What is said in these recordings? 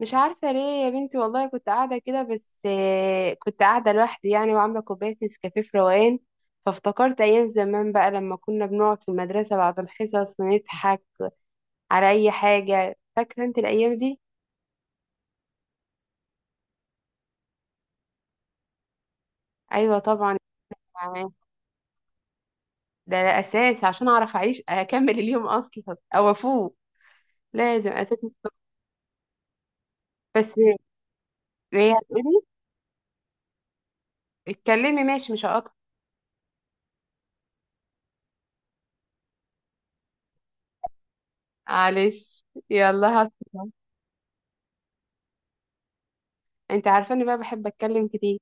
مش عارفة ليه. يا بنتي والله كنت قاعدة كده، بس كنت قاعدة لوحدي يعني، وعاملة كوباية نسكافيه في روقان. فافتكرت أيام زمان بقى لما كنا بنقعد في المدرسة بعد الحصص ونضحك على أي حاجة. فاكرة أنت الأيام دي؟ أيوة طبعا. ده ده أساس عشان أعرف أعيش أكمل اليوم أصلا أو أفوق. لازم أساس مستقر. بس هي هتقولي اتكلمي، ماشي مش هقطع. معلش، يلا أنت عارفة إني بقى بحب أتكلم كتير.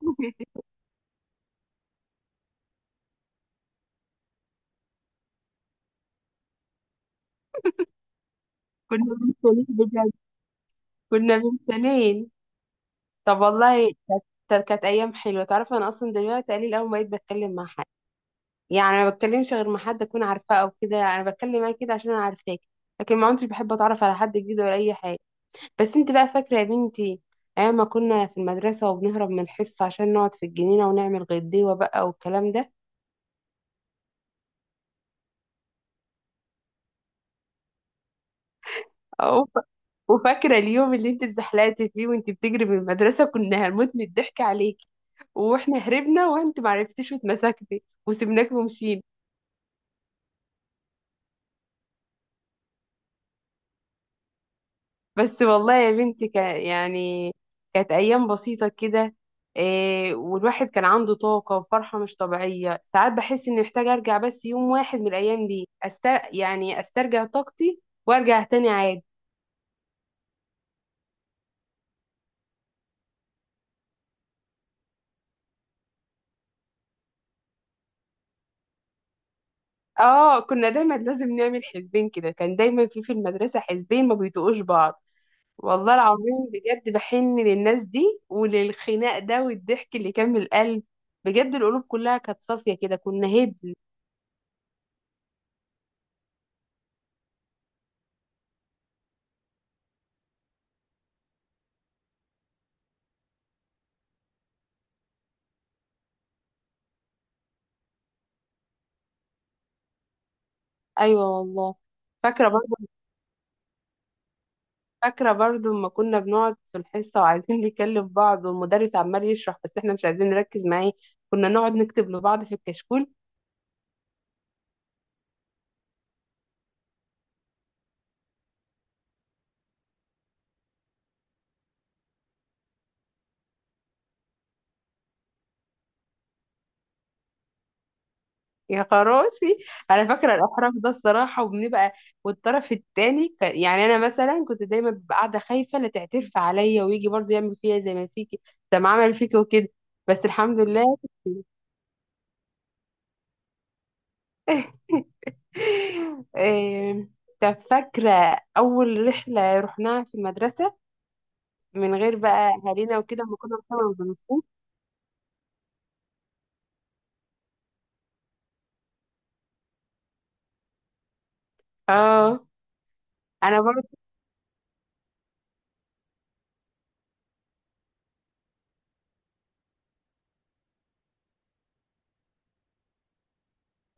كنا بنتكلم بجد، كنا من سنين. طب والله كانت ايام حلوه. تعرف انا اصلا دلوقتي قليل اول ما بقيت بتكلم مع حد، يعني انا ما بتكلمش غير مع حد اكون عارفاه، او كده انا بتكلم معاك كده عشان انا عارفاك. لكن ما كنتش بحب اتعرف على حد جديد ولا اي حاجه. بس انت بقى فاكره يا بنتي ايام ما كنا في المدرسه، وبنهرب من الحصه عشان نقعد في الجنينه ونعمل غديوه بقى، والكلام ده؟ وف- وفاكرة اليوم اللي انت اتزحلقتي فيه وانت بتجري من المدرسة، كنا هنموت من الضحك عليكي. واحنا هربنا وانت معرفتيش واتمسكتي وسبناك ومشينا. بس والله يا بنتي كان يعني، كانت أيام بسيطة كده. إيه، والواحد كان عنده طاقة وفرحة مش طبيعية. ساعات بحس اني محتاجة ارجع بس يوم واحد من الأيام دي، يعني استرجع طاقتي وارجع تاني عادي. اه كنا دايما لازم نعمل حزبين كده. كان دايما في المدرسة حزبين ما بيطوقوش بعض. والله العظيم بجد بحن للناس دي وللخناق ده والضحك اللي كان من القلب. بجد القلوب كلها كانت صافية كده، كنا هبل. أيوة والله. فاكرة برضو. فاكرة برضو لما كنا بنقعد في الحصة وعايزين نكلم بعض والمدرس عمال يشرح، بس احنا مش عايزين نركز معاه. كنا نقعد نكتب لبعض في الكشكول. يا خراشي، انا فاكره الاحراج ده الصراحه. وبنبقى والطرف التاني، كان يعني انا مثلا كنت دايما ببقى قاعده خايفه لا تعترف عليا ويجي برضه يعمل فيا زي ما فيكي، زي ما عمل فيكي وكده. بس الحمد لله. إيه، طب فاكره اول رحله رحناها في المدرسه، من غير بقى اهالينا وكده، لما كنا بنطلع بالمصروف؟ اه انا برضه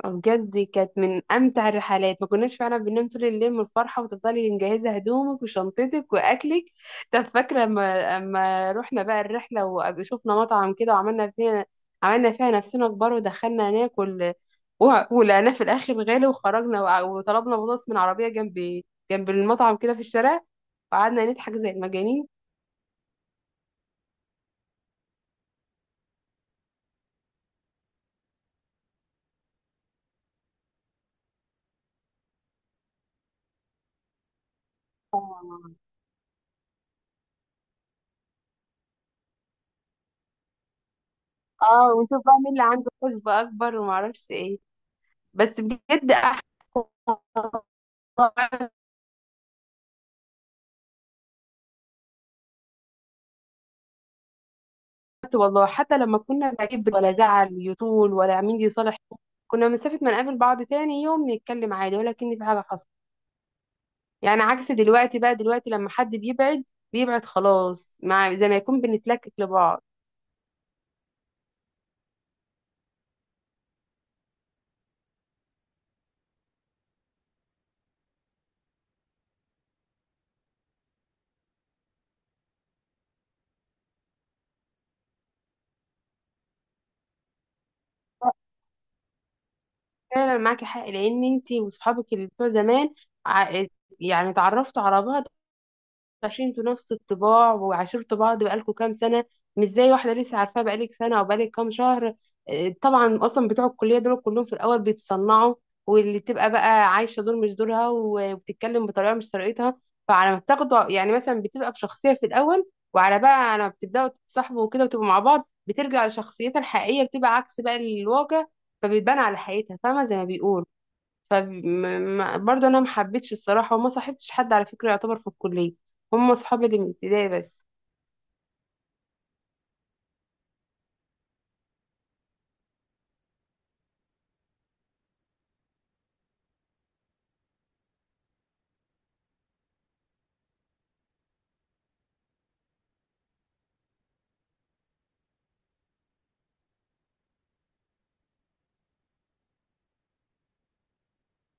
بجد كانت من امتع الرحلات. ما كناش فعلا بننام طول الليل من الفرحه، وتفضلي مجهزه هدومك وشنطتك واكلك. طب فاكره لما رحنا بقى الرحله وشفنا مطعم كده وعملنا فيها، عملنا فيها نفسنا كبار ودخلنا ناكل، ولقيناه في الاخر غالي وخرجنا، وطلبنا بطاطس من عربيه جنب المطعم كده في الشارع، وقعدنا نضحك زي المجانين. اه ونشوف بقى مين اللي عنده حسبة اكبر، ومعرفش ايه. بس بجد احلى. والله حتى لما كنا لا كبر ولا زعل يطول ولا مين يصالح، كنا مسافة ما نقابل بعض تاني يوم نتكلم عادي ولا كأن في حاجة حصلت. يعني عكس دلوقتي بقى. دلوقتي لما حد بيبعد، بيبعد خلاص، مع زي ما يكون بنتلكك لبعض. فعلا معاكي حق، لأن انتي وصحابك اللي بتوع زمان ع- يعني اتعرفتوا على بعض عشان انتوا نفس الطباع، وعاشرتوا بعض بقالكوا كام سنة. مش زي واحدة لسه عارفاها بقالك سنة أو بقالك كام شهر. اه، طبعا. أصلا بتوع الكلية دول كلهم في الأول بيتصنعوا، واللي تبقى بقى عايشة دول مش دورها وبتتكلم بطريقة مش طريقتها. فعلى ما بتاخدوا، يعني مثلا بتبقى بشخصية في الأول، وعلى بقى على ما بتبدأوا تتصاحبوا وكده وتبقوا مع بعض بترجع لشخصيتها الحقيقية، بتبقى عكس بقى الواقع، فبتبان على حقيقتها، فاهمة زي ما بيقولوا. فبرضه انا ما حبيتش الصراحه، وما صاحبتش حد على فكره يعتبر في الكليه. هم اصحابي اللي من ابتدائي بس.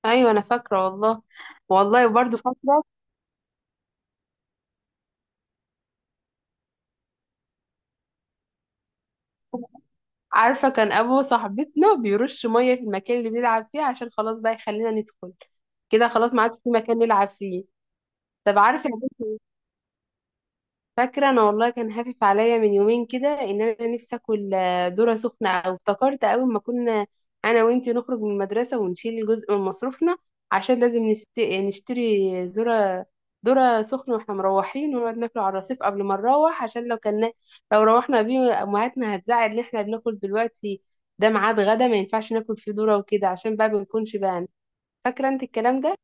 ايوه انا فاكره والله. والله برضه فاكره. عارفه كان ابو صاحبتنا بيرش ميه في المكان اللي بيلعب فيه عشان خلاص بقى يخلينا ندخل. كده خلاص ما عادش في مكان نلعب فيه. طب عارفه، فاكرة أنا والله كان هافف عليا من يومين كده إن أنا نفسي آكل ذرة سخنة. أو افتكرت أول ما كنا أنا وإنتي نخرج من المدرسة ونشيل جزء من مصروفنا عشان لازم نشتري ذرة، ذرة سخنة، وإحنا مروحين ونقعد ناكله على الرصيف قبل ما نروح، عشان لو كنا، لو روحنا بيه أمهاتنا هتزعل إن إحنا بناكل دلوقتي. ده ميعاد غدا ما ينفعش ناكل فيه ذرة وكده، عشان بقى ما نكونش بقى. فاكرة أنت الكلام ده؟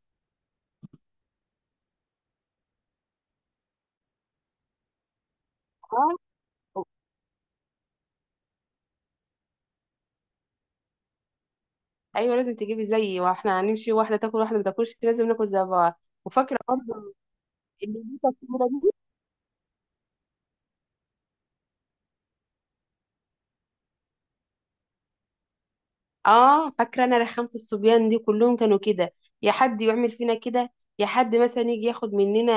اه. ايوه لازم تجيبي زيي، واحنا هنمشي واحده تاكل واحده ما تاكلش، لازم ناكل زي بعض. وفاكره برضه اللي دي الكوره دي. اه فاكره انا رخامه الصبيان دي، كلهم كانوا كده. يا حد يعمل فينا كده، يا حد مثلا يجي ياخد مننا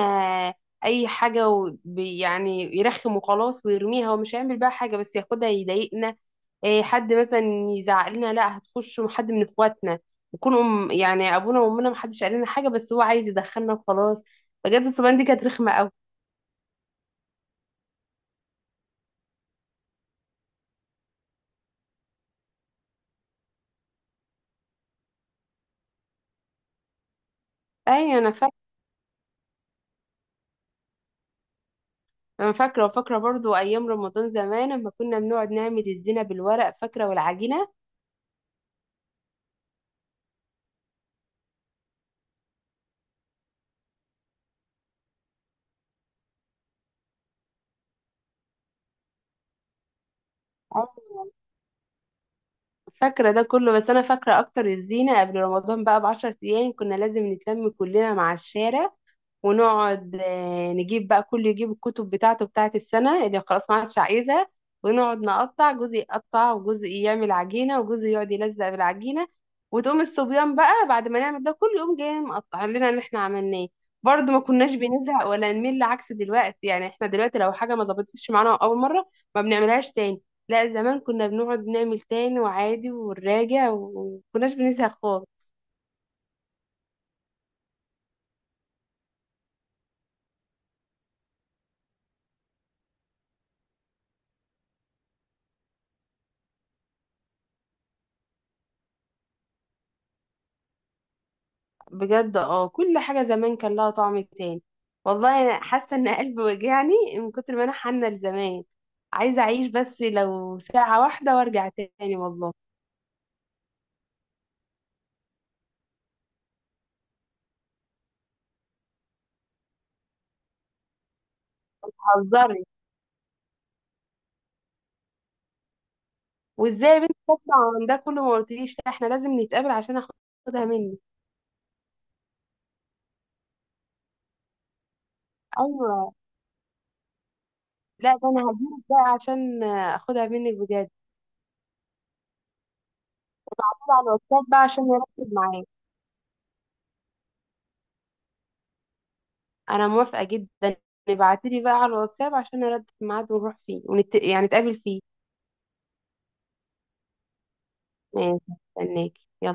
اي حاجه وبي يعني يرخم وخلاص ويرميها، ومش هيعمل بقى حاجه، بس ياخدها يضايقنا. إيه حد مثلا يزعق لنا لا هتخش، حد من اخواتنا يكون أم يعني ابونا وامنا محدش قال لنا حاجه، بس هو عايز يدخلنا وخلاص. بجد الصبيان دي كانت رخمه قوي. ايوه انا فاكره. انا فاكره، وفاكره برضو ايام رمضان زمان لما كنا بنقعد نعمل الزينه بالورق، فاكره والعجينه. ايوه فاكره ده كله، بس انا فاكره اكتر الزينه قبل رمضان بقى بـ10 ايام، كنا لازم نتلم كلنا مع الشارع، ونقعد نجيب بقى، كل يجيب الكتب بتاعته بتاعت السنة اللي خلاص ما عادش عايزها، ونقعد نقطع جزء يقطع وجزء يعمل عجينة وجزء يقعد يلزق بالعجينة، وتقوم الصبيان بقى بعد ما نعمل ده كله يقوم جاي مقطع لنا اللي احنا عملناه. برضه ما كناش بنزهق ولا نمل، عكس دلوقتي. يعني احنا دلوقتي لو حاجة ما ظبطتش معانا أول مرة ما بنعملهاش تاني. لا زمان كنا بنقعد نعمل تاني وعادي ونراجع، ومكناش بنزهق خالص. بجد اه كل حاجة زمان كان لها طعم تاني. والله انا حاسة ان قلبي وجعني من كتر ما انا حنة لزمان. عايزة اعيش بس لو ساعة واحدة وارجع تاني، والله. هزري، وازاي يا بنتي تطلع عن ده كله ما قلتليش؟ لا احنا لازم نتقابل عشان اخدها منك. ايوه. لا ده انا هجيلك بقى عشان اخدها منك بجد. على الواتساب بقى عشان نرتب معاك. انا موافقة جدا. ابعتيلي بقى على الواتساب عشان نرتب ميعاد ونروح فيه، يعني نتقابل فيه. ماشي. استناكي يلا.